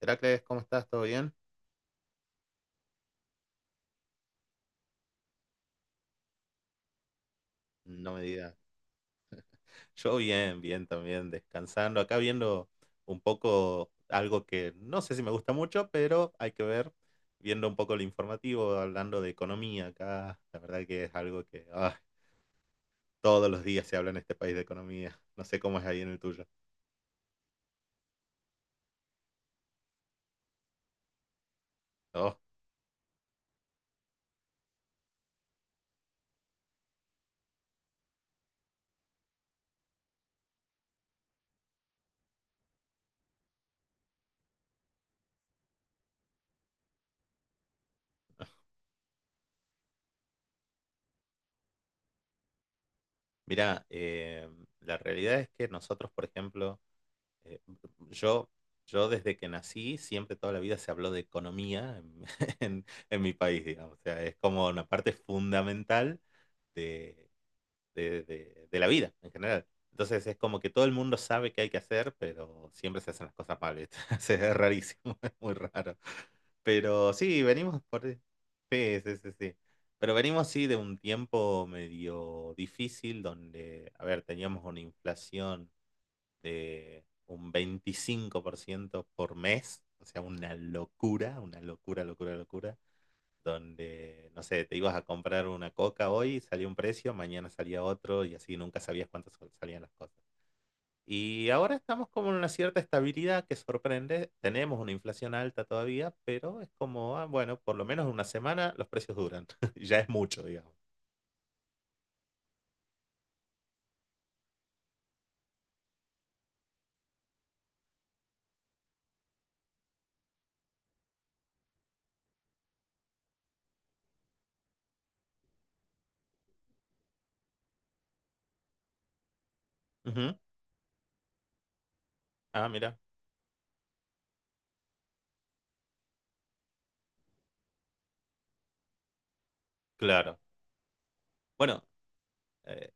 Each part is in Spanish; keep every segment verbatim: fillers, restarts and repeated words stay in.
Heracles, ¿cómo estás? ¿Todo bien? No me digas. Yo bien, bien también, descansando. Acá viendo un poco algo que no sé si me gusta mucho, pero hay que ver, viendo un poco el informativo, hablando de economía acá. La verdad que es algo que ah, todos los días se habla en este país de economía. No sé cómo es ahí en el tuyo. Oh, mira, eh, la realidad es que nosotros, por ejemplo, eh, yo, yo desde que nací, siempre toda la vida se habló de economía en, en- en mi país, digamos. O sea, es como una parte fundamental de, de- de- de la vida en general. Entonces es como que todo el mundo sabe qué hay que hacer, pero siempre se hacen las cosas mal, ¿viste? O Es rarísimo, es muy raro. Pero sí, venimos por... e, Sí, sí, sí, sí. Pero venimos sí de un tiempo medio difícil donde, a ver, teníamos una inflación de un veinticinco por ciento por mes, o sea, una locura, una locura, locura, locura, donde, no sé, te ibas a comprar una coca hoy, salía un precio, mañana salía otro y así nunca sabías cuántas salían las cosas. Y ahora estamos como en una cierta estabilidad que sorprende. Tenemos una inflación alta todavía, pero es como, ah, bueno, por lo menos una semana los precios duran. Ya es mucho, digamos. Ujú. Ah, mira, claro. Bueno, eh,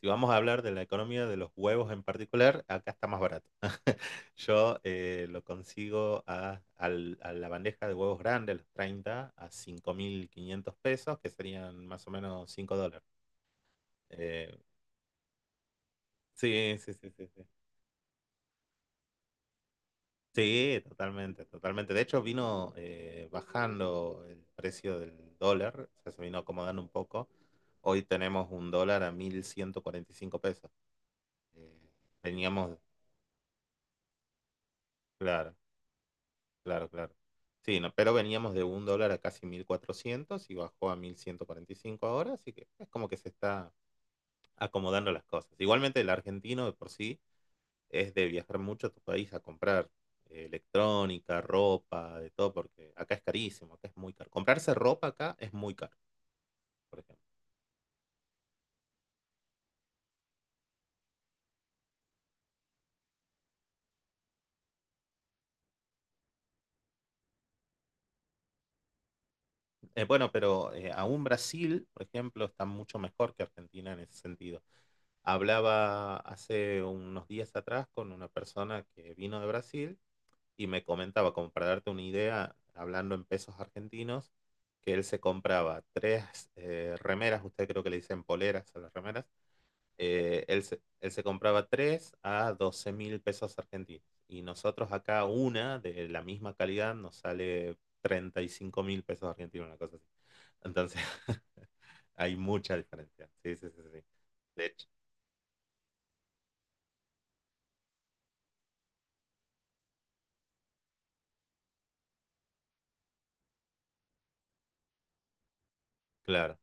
si vamos a hablar de la economía de los huevos en particular, acá está más barato. Yo eh, lo consigo a, al- a la bandeja de huevos grande, los treinta a cinco mil quinientos pesos, que serían más o menos cinco dólares. Eh, sí, sí, sí, sí, sí. Sí, totalmente, totalmente. De hecho, vino eh, bajando el precio del dólar, o sea, se vino acomodando un poco. Hoy tenemos un dólar a mil ciento cuarenta y cinco pesos. Eh, Teníamos, claro. Claro, claro. Sí, no, pero veníamos de un dólar a casi mil cuatrocientos y bajó a mil ciento cuarenta y cinco ahora, así que es como que se está acomodando las cosas. Igualmente el argentino de por sí es de viajar mucho a tu país a comprar eh, electrónica, ropa, de todo, porque acá es carísimo, acá es muy caro. Comprarse ropa acá es muy caro, por ejemplo. Eh, bueno, pero eh, aún Brasil, por ejemplo, está mucho mejor que Argentina en ese sentido. Hablaba hace unos días atrás con una persona que vino de Brasil y me comentaba, como para darte una idea, hablando en pesos argentinos, que él se compraba tres eh, remeras, usted creo que le dicen poleras a las remeras, eh, él, se, él se compraba tres a doce mil pesos argentinos. Y nosotros acá una de la misma calidad nos sale treinta y cinco mil pesos argentinos, una cosa así. Entonces, hay mucha diferencia. Sí, sí, sí, sí. De hecho, claro,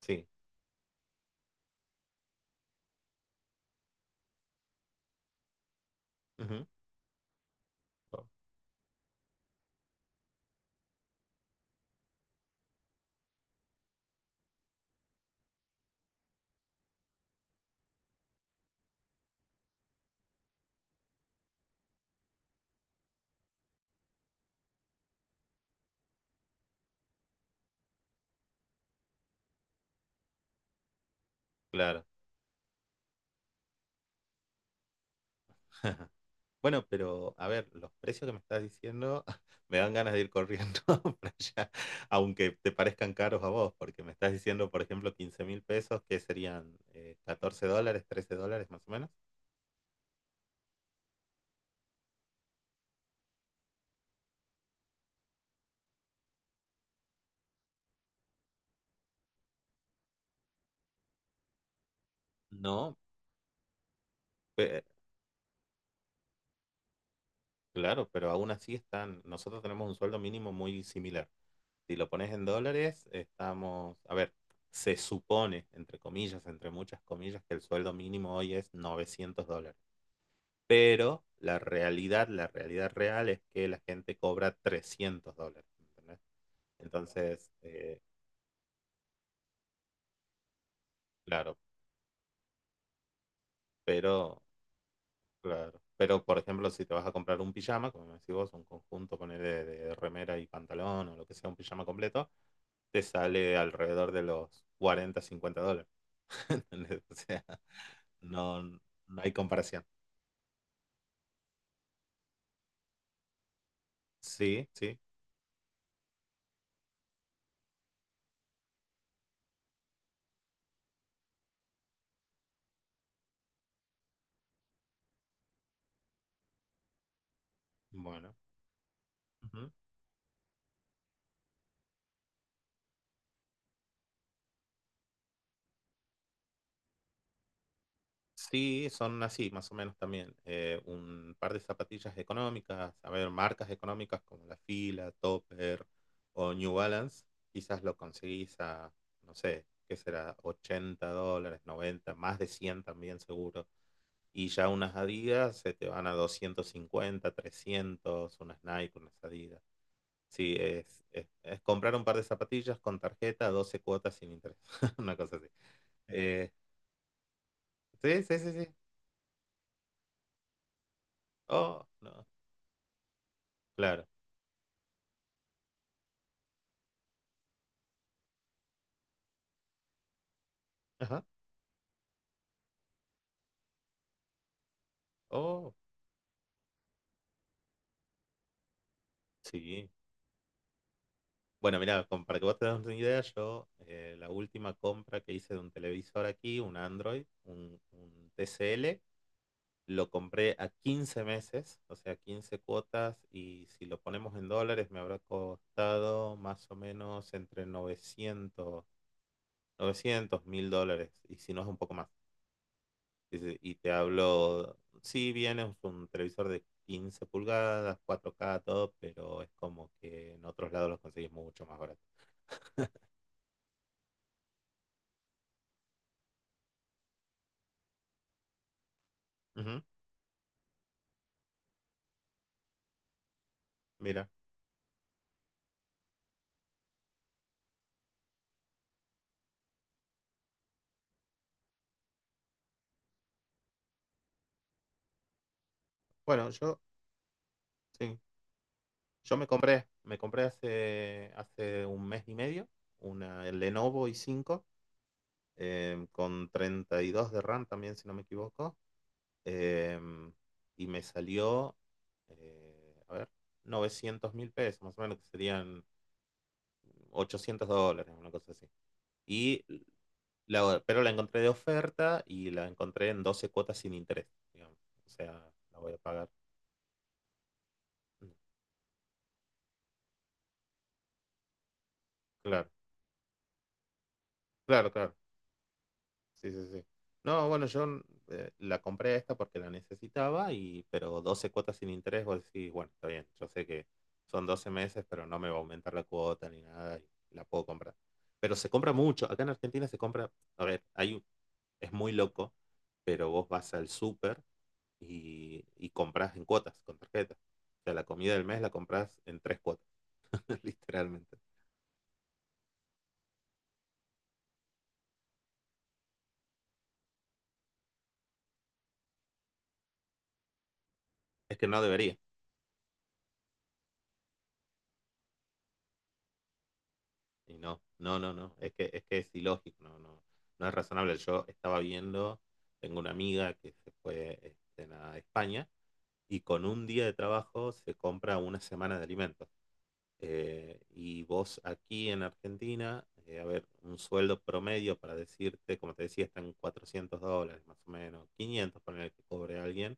sí. Ujú. Claro. Bueno, pero a ver, los precios que me estás diciendo me dan ganas de ir corriendo para allá, aunque te parezcan caros a vos, porque me estás diciendo, por ejemplo, quince mil pesos, que serían eh, catorce dólares, trece dólares más o menos. No, pe- claro, pero aún así están, nosotros tenemos un sueldo mínimo muy similar. Si lo pones en dólares, estamos, a ver, se supone, entre comillas, entre muchas comillas, que el sueldo mínimo hoy es novecientos dólares, pero la realidad, la realidad real es que la gente cobra trescientos dólares, ¿entendés? Entonces, eh, claro, pero, claro, pero por ejemplo, si te vas a comprar un pijama, como me decís vos, un conjunto, poner de, de remera y pantalón o lo que sea, un pijama completo, te sale alrededor de los cuarenta, cincuenta dólares. ¿Entendés? O sea, no, no hay comparación. Sí, sí, bueno. Sí, son así, más o menos también. Eh, un par de zapatillas económicas, a ver, marcas económicas como La Fila, Topper o New Balance, quizás lo conseguís a, no sé, qué será, ochenta dólares, noventa, más de cien también seguro. Y ya unas Adidas se te van a doscientos cincuenta, trescientos, unas Nike, unas Adidas. Sí, es, es, es comprar un par de zapatillas con tarjeta, doce cuotas sin interés, una cosa así. Eh, sí, sí, sí, sí. Oh, no, claro. Ajá. Oh, sí. Bueno, mira, para que vos te das una idea, yo eh, la última compra que hice de un televisor aquí, un Android, un, un T C L, lo compré a quince meses, o sea, quince cuotas, y si lo ponemos en dólares me habrá costado más o menos entre novecientos novecientos mil dólares, y si no es un poco más. Dice, Y te hablo, sí, bien, es un televisor de quince pulgadas, cuatro k todo, pero es como que en otros lados los conseguís mucho más barato. Ujú, mira, bueno, yo, sí, yo me compré, me compré hace, hace un mes y medio una el Lenovo i cinco em, con treinta y dos de RAM también, si no me equivoco, em, y me salió, eh, a ver, novecientos mil pesos, más o menos, que serían ochocientos dólares, una cosa así. Y La- pero la encontré de oferta y la encontré en doce cuotas sin interés, digamos. O sea, la voy a pagar. Mm. Claro, claro, claro. Sí, sí, sí. No, bueno, yo mm, eh, la compré esta porque la necesitaba, y, pero doce cuotas sin interés, vos decís, bueno, está bien, yo sé que son doce meses, pero no me va a aumentar la cuota ni nada y la puedo comprar. Pero se compra mucho. Acá en Argentina se compra, a ver, hay, un- es muy loco, pero vos vas al súper, y, y compras en cuotas con tarjeta. O sea, la comida del mes la compras en tres cuotas, literalmente. Es que no debería. Y no, no, no, no. Es que es, que es ilógico, no, no, no es razonable. Yo estaba viendo, tengo una amiga que se fue este, a España y con un día de trabajo se compra una semana de alimentos. Eh, y vos aquí en Argentina, eh, a ver, un sueldo promedio para decirte, como te decía, están cuatrocientos dólares más o menos, quinientos por el que cobre alguien,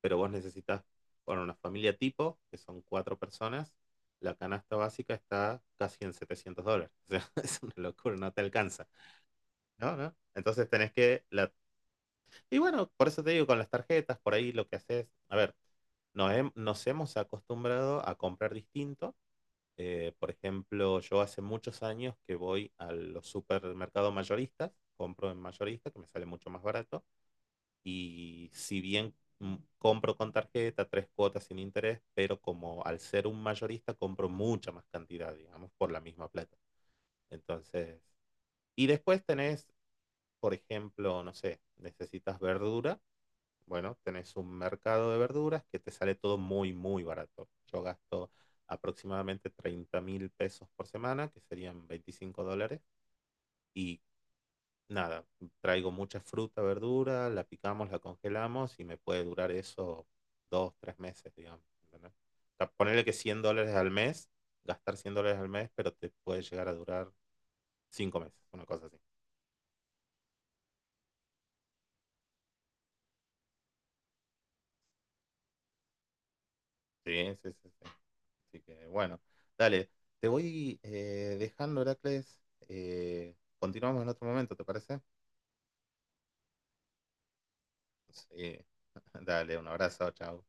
pero vos necesitas, bueno, una familia tipo, que son cuatro personas, la canasta básica está casi en setecientos dólares. O sea, es una locura, no te alcanza. ¿No? ¿No? Entonces tenés que... La... Y bueno, por eso te digo, con las tarjetas, por ahí lo que haces, a ver, nos, hem- nos hemos acostumbrado a comprar distinto. Eh, por ejemplo, yo hace muchos años que voy a los supermercados mayoristas, compro en mayorista, que me sale mucho más barato, y si bien mm, compro con tarjeta, tres cuotas sin interés, pero como al ser un mayorista compro mucha más cantidad, digamos, por la misma plata. Entonces, y después tenés, por ejemplo, no sé, necesitas verdura, bueno, tenés un mercado de verduras que te sale todo muy, muy barato. Yo gasto aproximadamente treinta mil pesos por semana, que serían veinticinco dólares, y nada, traigo mucha fruta, verdura, la picamos, la congelamos y me puede durar eso dos, tres meses, digamos. ¿Entendés? O sea, ponerle que cien dólares al mes, gastar cien dólares al mes, pero te puede llegar a durar cinco meses, una cosa así. Sí, sí, sí, sí. Así que bueno, dale, te voy eh, dejando, Heracles. Eh, continuamos en otro momento, ¿te parece? Sí. Dale, un abrazo, chao.